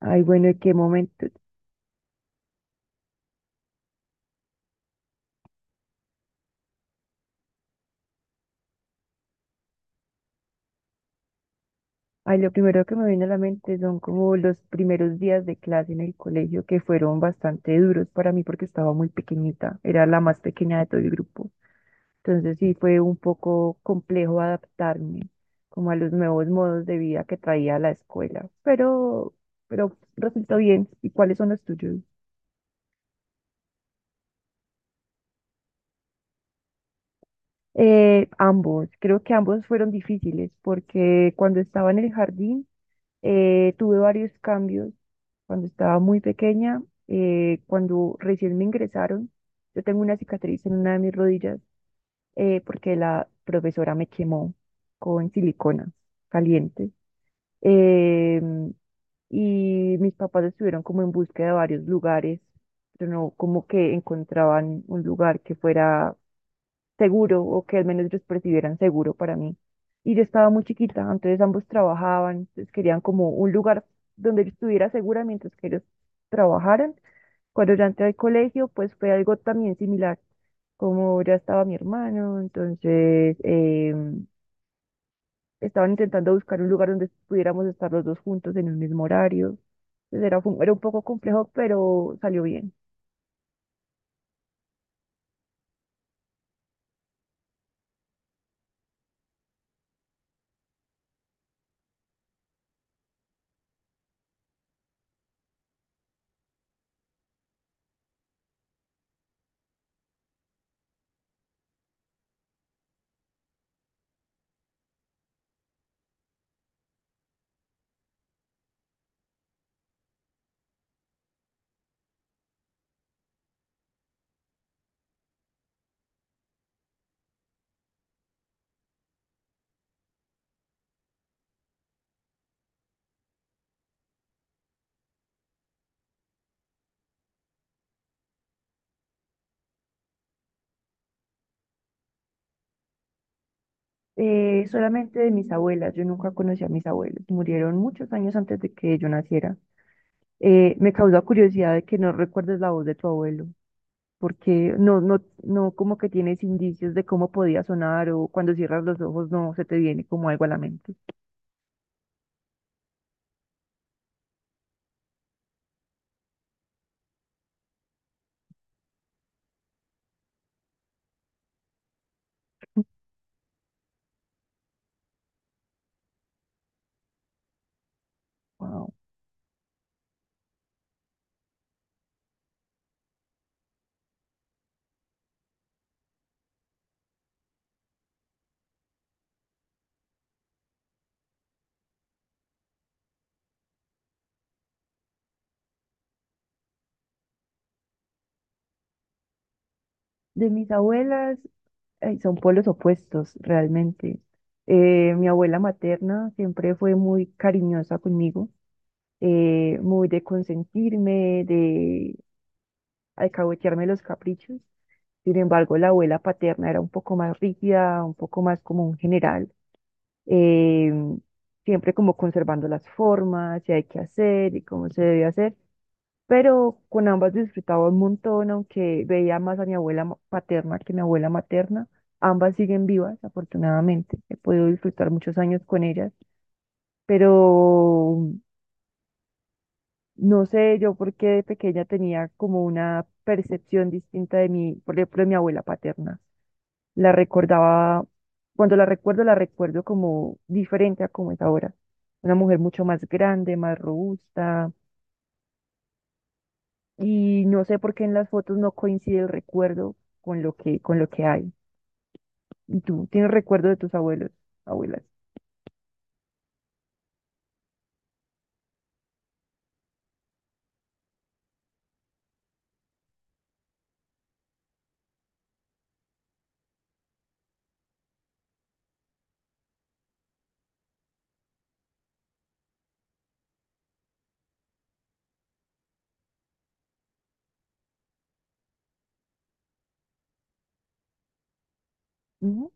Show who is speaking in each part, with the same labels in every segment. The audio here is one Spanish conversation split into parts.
Speaker 1: Ay, bueno, ¿en qué momento? Ay, lo primero que me viene a la mente son como los primeros días de clase en el colegio que fueron bastante duros para mí porque estaba muy pequeñita, era la más pequeña de todo el grupo. Entonces sí fue un poco complejo adaptarme como a los nuevos modos de vida que traía la escuela, pero resultó bien. ¿Y cuáles son los tuyos? Ambos, creo que ambos fueron difíciles porque cuando estaba en el jardín, tuve varios cambios cuando estaba muy pequeña. Cuando recién me ingresaron, yo tengo una cicatriz en una de mis rodillas porque la profesora me quemó con silicona caliente. Em, y mis papás estuvieron como en búsqueda de varios lugares, pero no como que encontraban un lugar que fuera seguro o que al menos ellos percibieran seguro para mí. Y yo estaba muy chiquita, entonces ambos trabajaban, entonces querían como un lugar donde yo estuviera segura mientras que ellos trabajaran. Cuando ya entré al colegio, pues fue algo también similar, como ya estaba mi hermano, entonces estaban intentando buscar un lugar donde pudiéramos estar los dos juntos en el mismo horario. Entonces era un poco complejo, pero salió bien. Solamente de mis abuelas, yo nunca conocí a mis abuelos, murieron muchos años antes de que yo naciera. Me causa curiosidad de que no recuerdes la voz de tu abuelo, porque no como que tienes indicios de cómo podía sonar o cuando cierras los ojos no se te viene como algo a la mente. Wow. De mis abuelas, ay, son polos opuestos realmente. Mi abuela materna siempre fue muy cariñosa conmigo, muy de consentirme, de alcahuetearme los caprichos. Sin embargo, la abuela paterna era un poco más rígida, un poco más como un general, eh, siempre como conservando las formas, qué hay que hacer y cómo se debe hacer. Pero con ambas disfrutaba un montón, aunque veía más a mi paterna que a mi abuela materna. Ambas siguen vivas, afortunadamente. He podido disfrutar muchos años con ellas, pero no sé yo por qué de pequeña tenía como una percepción distinta de mi, por ejemplo, de mi abuela paterna. La recordaba, cuando la recuerdo como diferente a como es ahora. Una mujer mucho más grande, más robusta. Y no sé por qué en las fotos no coincide el recuerdo con con lo que hay. ¿Y tú tienes recuerdo de tus abuelos, abuelas? Ujú,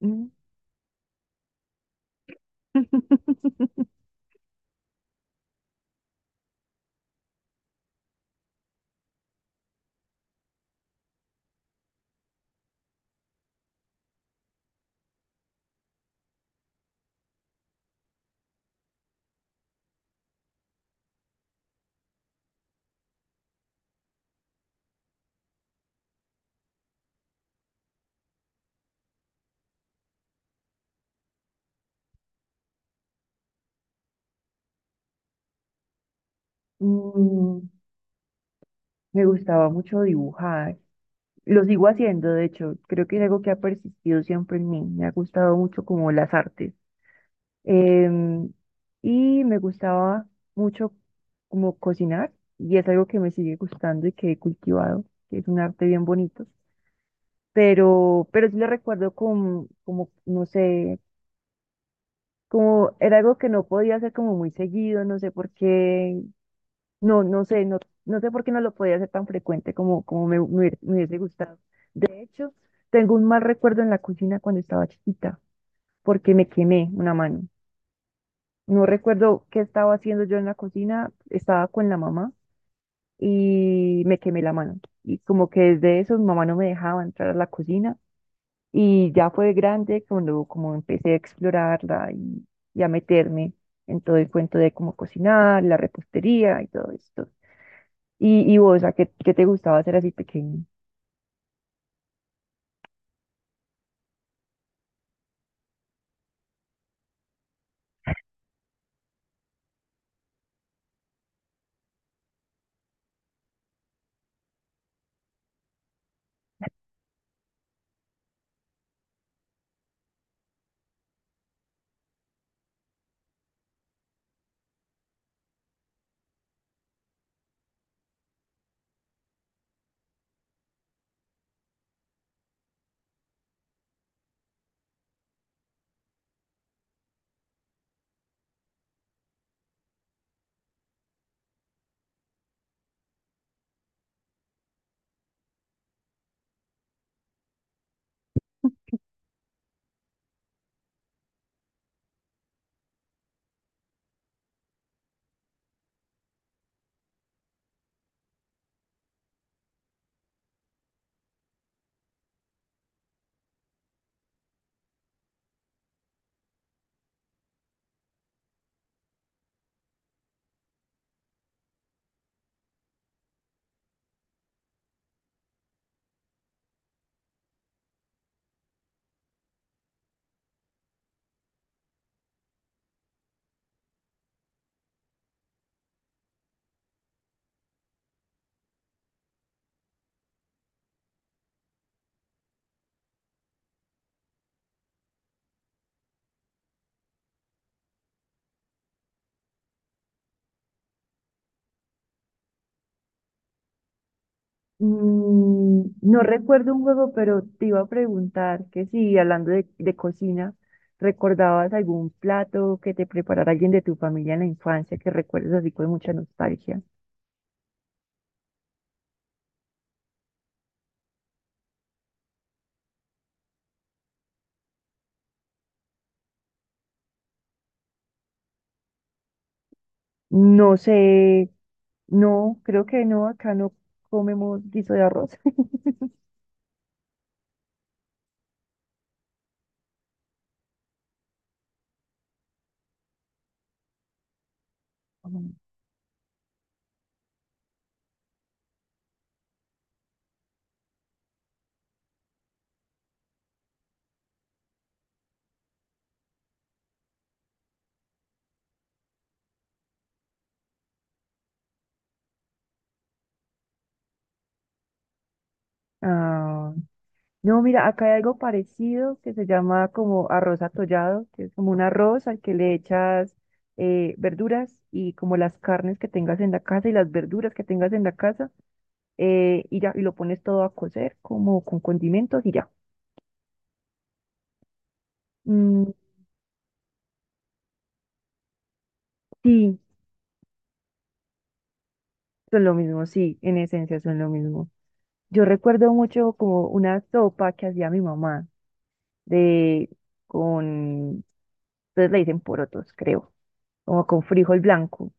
Speaker 1: ujú. Mm, me gustaba mucho dibujar. Lo sigo haciendo, de hecho. Creo que es algo que ha persistido siempre en mí. Me ha gustado mucho como las artes. Em, y me gustaba mucho como cocinar. Y es algo que me sigue gustando y que he cultivado, que es un arte bien bonito. Pero sí lo recuerdo no sé, como era algo que no podía hacer como muy seguido, no sé por qué, no, no sé, no, no sé por qué no lo podía hacer tan frecuente como me me hubiese gustado. De hecho, tengo un mal recuerdo en la cocina cuando estaba chiquita, porque me quemé una mano. No recuerdo qué estaba haciendo yo en la cocina, estaba con la mamá y me quemé la mano. Y como que desde eso mi mamá no me dejaba entrar a la cocina y ya fue grande cuando como empecé a y a meterme en todo el cuento de cómo cocinar, la repostería y todo esto. Y vos, a qué te gustaba hacer así pequeño? Mm, no recuerdo un juego, pero te iba a preguntar que si, hablando de cocina, ¿recordabas algún plato que te preparara alguien de tu familia en la infancia que recuerdes así con mucha nostalgia? No sé, no, creo que no, acá no comemos guiso de arroz. Ah, no, mira, acá hay algo parecido que se llama como arroz atollado, que es como un arroz al que le echas verduras y como las carnes que tengas en la casa y las verduras que tengas en la casa y ya, y lo pones todo a cocer como con condimentos y ya. Mm, sí, son lo mismo, sí, en esencia son lo mismo. Yo recuerdo mucho como una sopa que hacía mi mamá de con, ustedes le dicen porotos, creo, como con frijol blanco.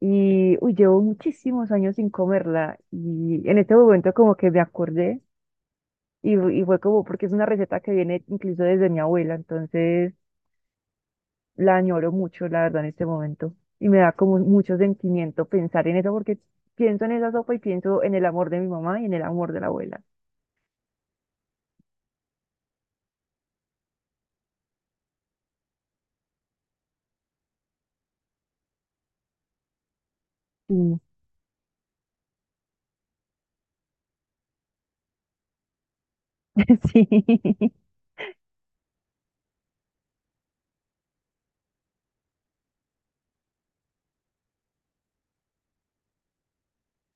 Speaker 1: Y uy, llevo muchísimos años sin comerla y en este momento como que me acordé y fue como porque es una receta que viene incluso desde mi abuela, entonces la añoro mucho, la verdad, en este momento. Y me da como mucho sentimiento pensar en eso porque pienso en esa sopa y pienso en el amor de mi mamá y en el amor de la abuela. Mm. Sí.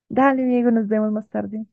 Speaker 1: Dale, Diego, nos vemos más tarde.